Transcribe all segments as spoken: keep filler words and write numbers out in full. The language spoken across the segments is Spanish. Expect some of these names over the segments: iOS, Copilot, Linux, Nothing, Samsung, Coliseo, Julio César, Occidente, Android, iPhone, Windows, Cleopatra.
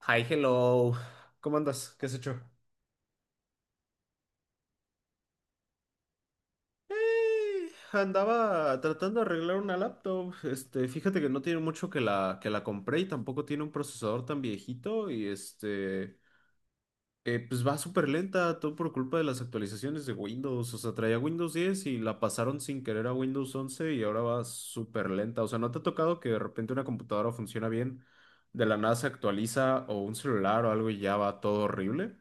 Hi, hello. ¿Cómo andas? ¿Qué has hecho? Eh, Andaba tratando de arreglar una laptop. Este, fíjate que no tiene mucho que la, que la compré y tampoco tiene un procesador tan viejito. Y este, eh, pues va súper lenta, todo por culpa de las actualizaciones de Windows. O sea, traía Windows diez y la pasaron sin querer a Windows once y ahora va súper lenta. O sea, ¿no te ha tocado que de repente una computadora funciona bien, de la nada se actualiza o un celular o algo y ya va todo horrible?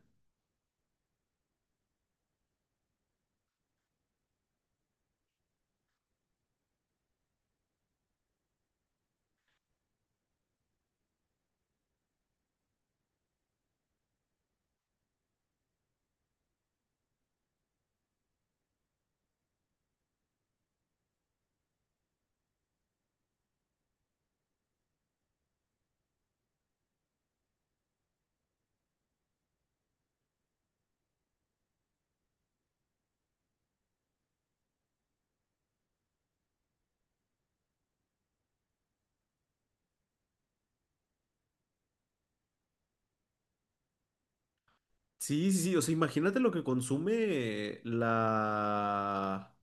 Sí, sí, sí, o sea, imagínate lo que consume la,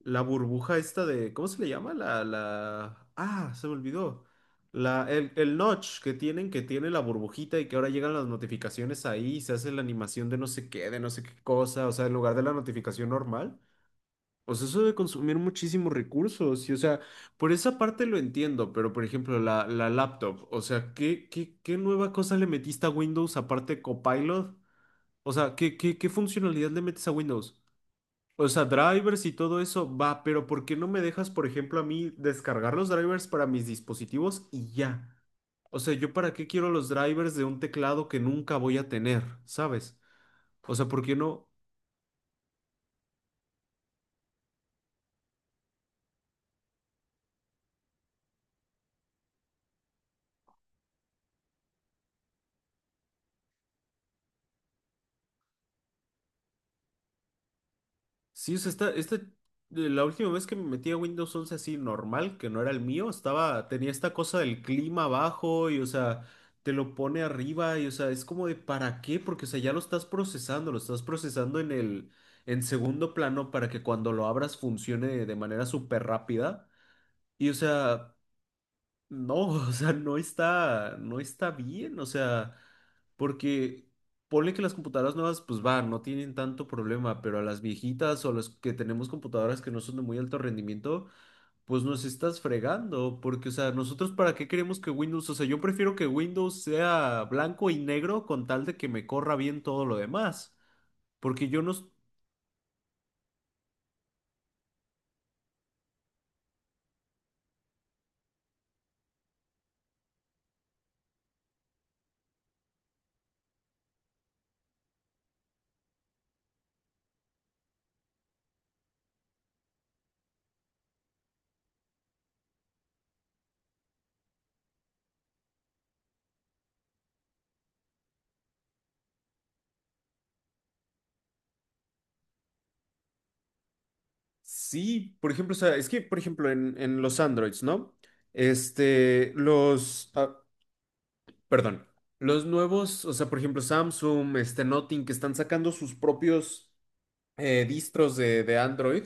la burbuja esta de, ¿cómo se le llama? La, la, ah, se me olvidó. La, el, el notch que tienen, que tiene la burbujita y que ahora llegan las notificaciones ahí, se hace la animación de no sé qué, de no sé qué cosa, o sea, en lugar de la notificación normal. O sea, eso debe consumir muchísimos recursos y, o sea, por esa parte lo entiendo, pero por ejemplo, la, la laptop, o sea, ¿qué, qué, qué nueva cosa le metiste a Windows aparte de Copilot? O sea, ¿qué, qué, qué funcionalidad le metes a Windows? O sea, drivers y todo eso, va, pero ¿por qué no me dejas, por ejemplo, a mí descargar los drivers para mis dispositivos y ya? O sea, ¿yo para qué quiero los drivers de un teclado que nunca voy a tener? ¿Sabes? O sea, ¿por qué no? Sí, o sea, esta, esta- la última vez que me metí a Windows once así normal, que no era el mío, estaba, tenía esta cosa del clima abajo y, o sea, te lo pone arriba y, o sea, es como de ¿para qué? Porque, o sea, ya lo estás procesando, lo estás procesando en el, en segundo plano para que cuando lo abras funcione de manera súper rápida. Y, o sea, no, o sea, no está, no está bien, o sea, porque ponle que las computadoras nuevas, pues van, no tienen tanto problema, pero a las viejitas o a las que tenemos computadoras que no son de muy alto rendimiento, pues nos estás fregando, porque, o sea, nosotros para qué queremos que Windows, o sea, yo prefiero que Windows sea blanco y negro con tal de que me corra bien todo lo demás, porque yo no, s- sí, por ejemplo, o sea, es que, por ejemplo, en, en los Androids, ¿no? Este, los... ah, Perdón. Los nuevos, o sea, por ejemplo, Samsung, este Nothing, que están sacando sus propios eh, distros de, de Android,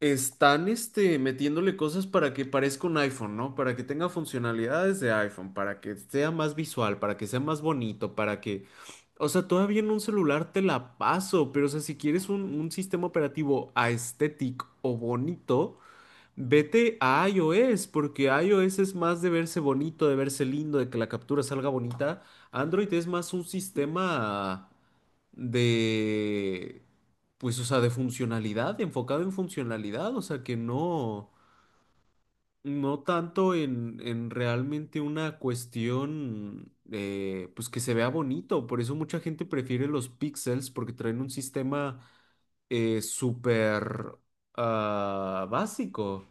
están este, metiéndole cosas para que parezca un iPhone, ¿no? Para que tenga funcionalidades de iPhone, para que sea más visual, para que sea más bonito, para que... O sea, todavía en un celular te la paso, pero o sea, si quieres un, un sistema operativo aesthetic o bonito, vete a iOS, porque iOS es más de verse bonito, de verse lindo, de que la captura salga bonita. Android es más un sistema de, pues, o sea, de funcionalidad, enfocado en funcionalidad, o sea, que no, no tanto en, en realmente una cuestión, eh, pues, que se vea bonito. Por eso mucha gente prefiere los pixels, porque traen un sistema eh, súper ah, básico.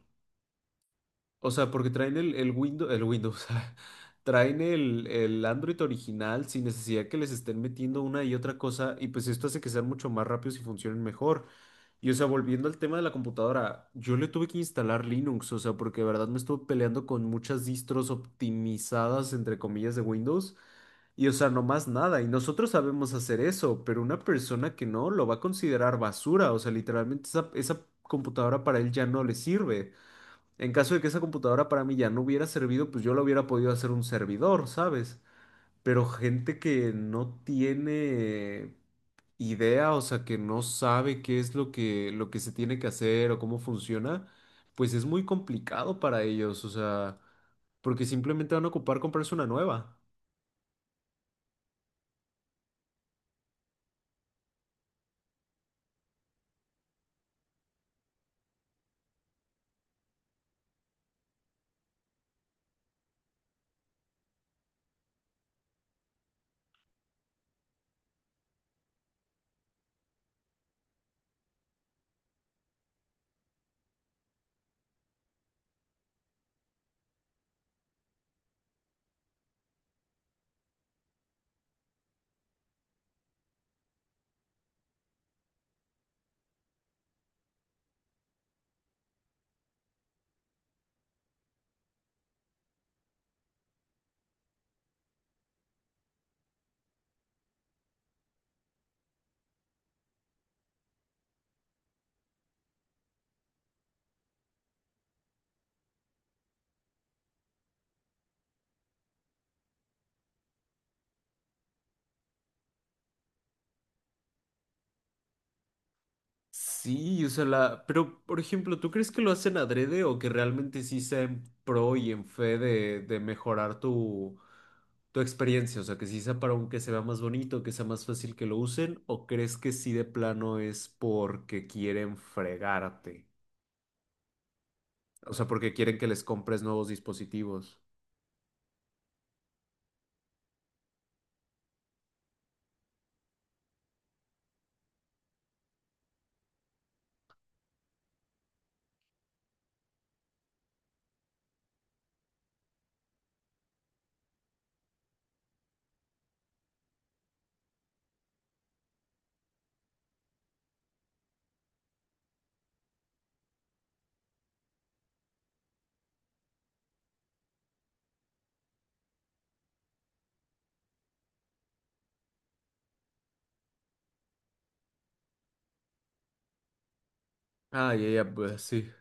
O sea, porque traen el, el Windows, el Windows, traen el, el Android original sin necesidad que les estén metiendo una y otra cosa, y pues esto hace que sean mucho más rápidos y funcionen mejor. Y o sea, volviendo al tema de la computadora, yo le tuve que instalar Linux, o sea, porque de verdad me estuve peleando con muchas distros optimizadas, entre comillas, de Windows, y o sea, no más nada, y nosotros sabemos hacer eso, pero una persona que no lo va a considerar basura, o sea, literalmente esa, esa computadora para él ya no le sirve. En caso de que esa computadora para mí ya no hubiera servido, pues yo la hubiera podido hacer un servidor, ¿sabes? Pero gente que no tiene idea, o sea, que no sabe qué es lo que, lo que se tiene que hacer o cómo funciona, pues es muy complicado para ellos, o sea, porque simplemente van a ocupar comprarse una nueva. Sí, o sea, la... Pero, por ejemplo, ¿tú crees que lo hacen adrede o que realmente sí sea en pro y en fe de, de mejorar tu, tu experiencia? O sea, que sí sea para un que se vea más bonito, que sea más fácil que lo usen, ¿o crees que sí de plano es porque quieren fregarte? O sea, porque quieren que les compres nuevos dispositivos. Ah, ya, ya, pues sí.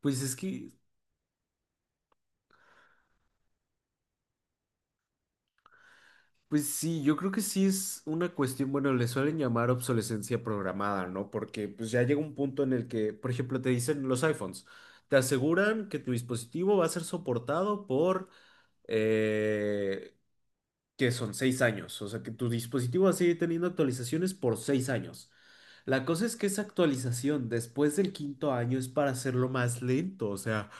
Pues es que pues sí, yo creo que sí es una cuestión, bueno, le suelen llamar obsolescencia programada, ¿no? Porque pues ya llega un punto en el que, por ejemplo, te dicen los iPhones, te aseguran que tu dispositivo va a ser soportado por, eh, que son seis años, o sea, que tu dispositivo va a seguir teniendo actualizaciones por seis años. La cosa es que esa actualización después del quinto año es para hacerlo más lento, o sea...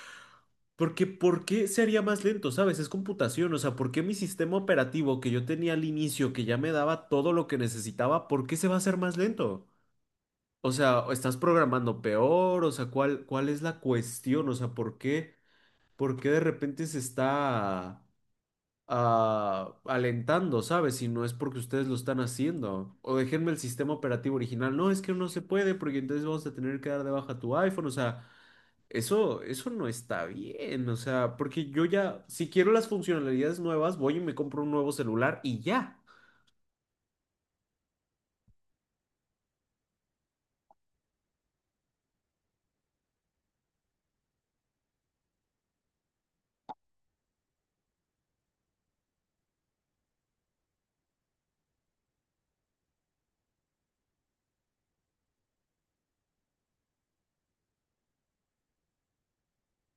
porque, ¿por qué se haría más lento, sabes? Es computación, o sea, ¿por qué mi sistema operativo que yo tenía al inicio, que ya me daba todo lo que necesitaba, ¿por qué se va a hacer más lento? O sea, ¿o ¿estás programando peor? O sea, ¿cuál, cuál es la cuestión? O sea, ¿por qué, por qué de repente se está ah, alentando, sabes? Si no es porque ustedes lo están haciendo. O déjenme el sistema operativo original. No, es que no se puede, porque entonces vamos a tener que dar de baja tu iPhone, o sea. Eso, eso no está bien, o sea, porque yo ya, si quiero las funcionalidades nuevas, voy y me compro un nuevo celular y ya.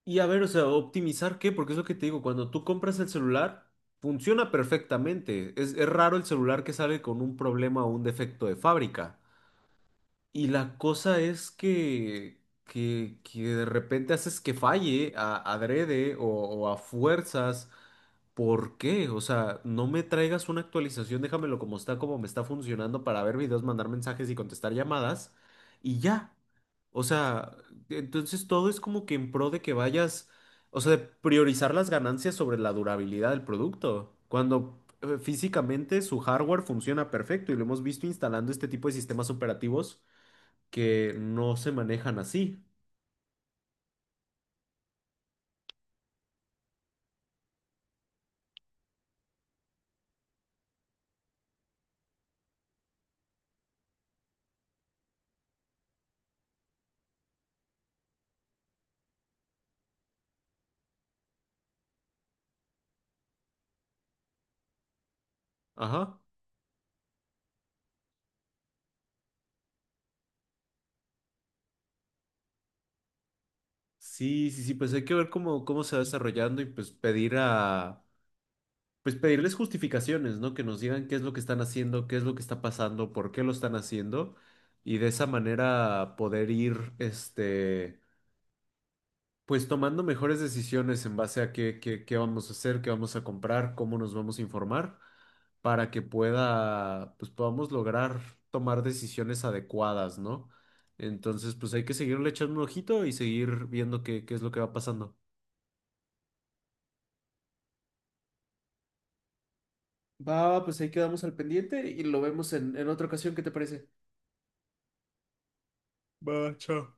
Y a ver, o sea, optimizar qué, porque es lo que te digo, cuando tú compras el celular, funciona perfectamente. Es, es raro el celular que sale con un problema o un defecto de fábrica. Y la cosa es que, que, que de repente haces que falle a, adrede o, o a fuerzas. ¿Por qué? O sea, no me traigas una actualización, déjamelo como está, como me está funcionando para ver videos, mandar mensajes y contestar llamadas y ya. O sea, entonces todo es como que en pro de que vayas, o sea, de priorizar las ganancias sobre la durabilidad del producto, cuando eh, físicamente su hardware funciona perfecto y lo hemos visto instalando este tipo de sistemas operativos que no se manejan así. Ajá. Sí, sí, sí, pues hay que ver cómo, cómo se va desarrollando y pues pedir a pues pedirles justificaciones, ¿no? Que nos digan qué es lo que están haciendo, qué es lo que está pasando, por qué lo están haciendo y de esa manera poder ir, este, pues tomando mejores decisiones en base a qué, qué, qué vamos a hacer, qué vamos a comprar, cómo nos vamos a informar para que pueda, pues podamos lograr tomar decisiones adecuadas, ¿no? Entonces, pues hay que seguirle echando un ojito y seguir viendo qué, qué es lo que va pasando. Va, pues ahí quedamos al pendiente y lo vemos en, en otra ocasión, ¿qué te parece? Va, chao.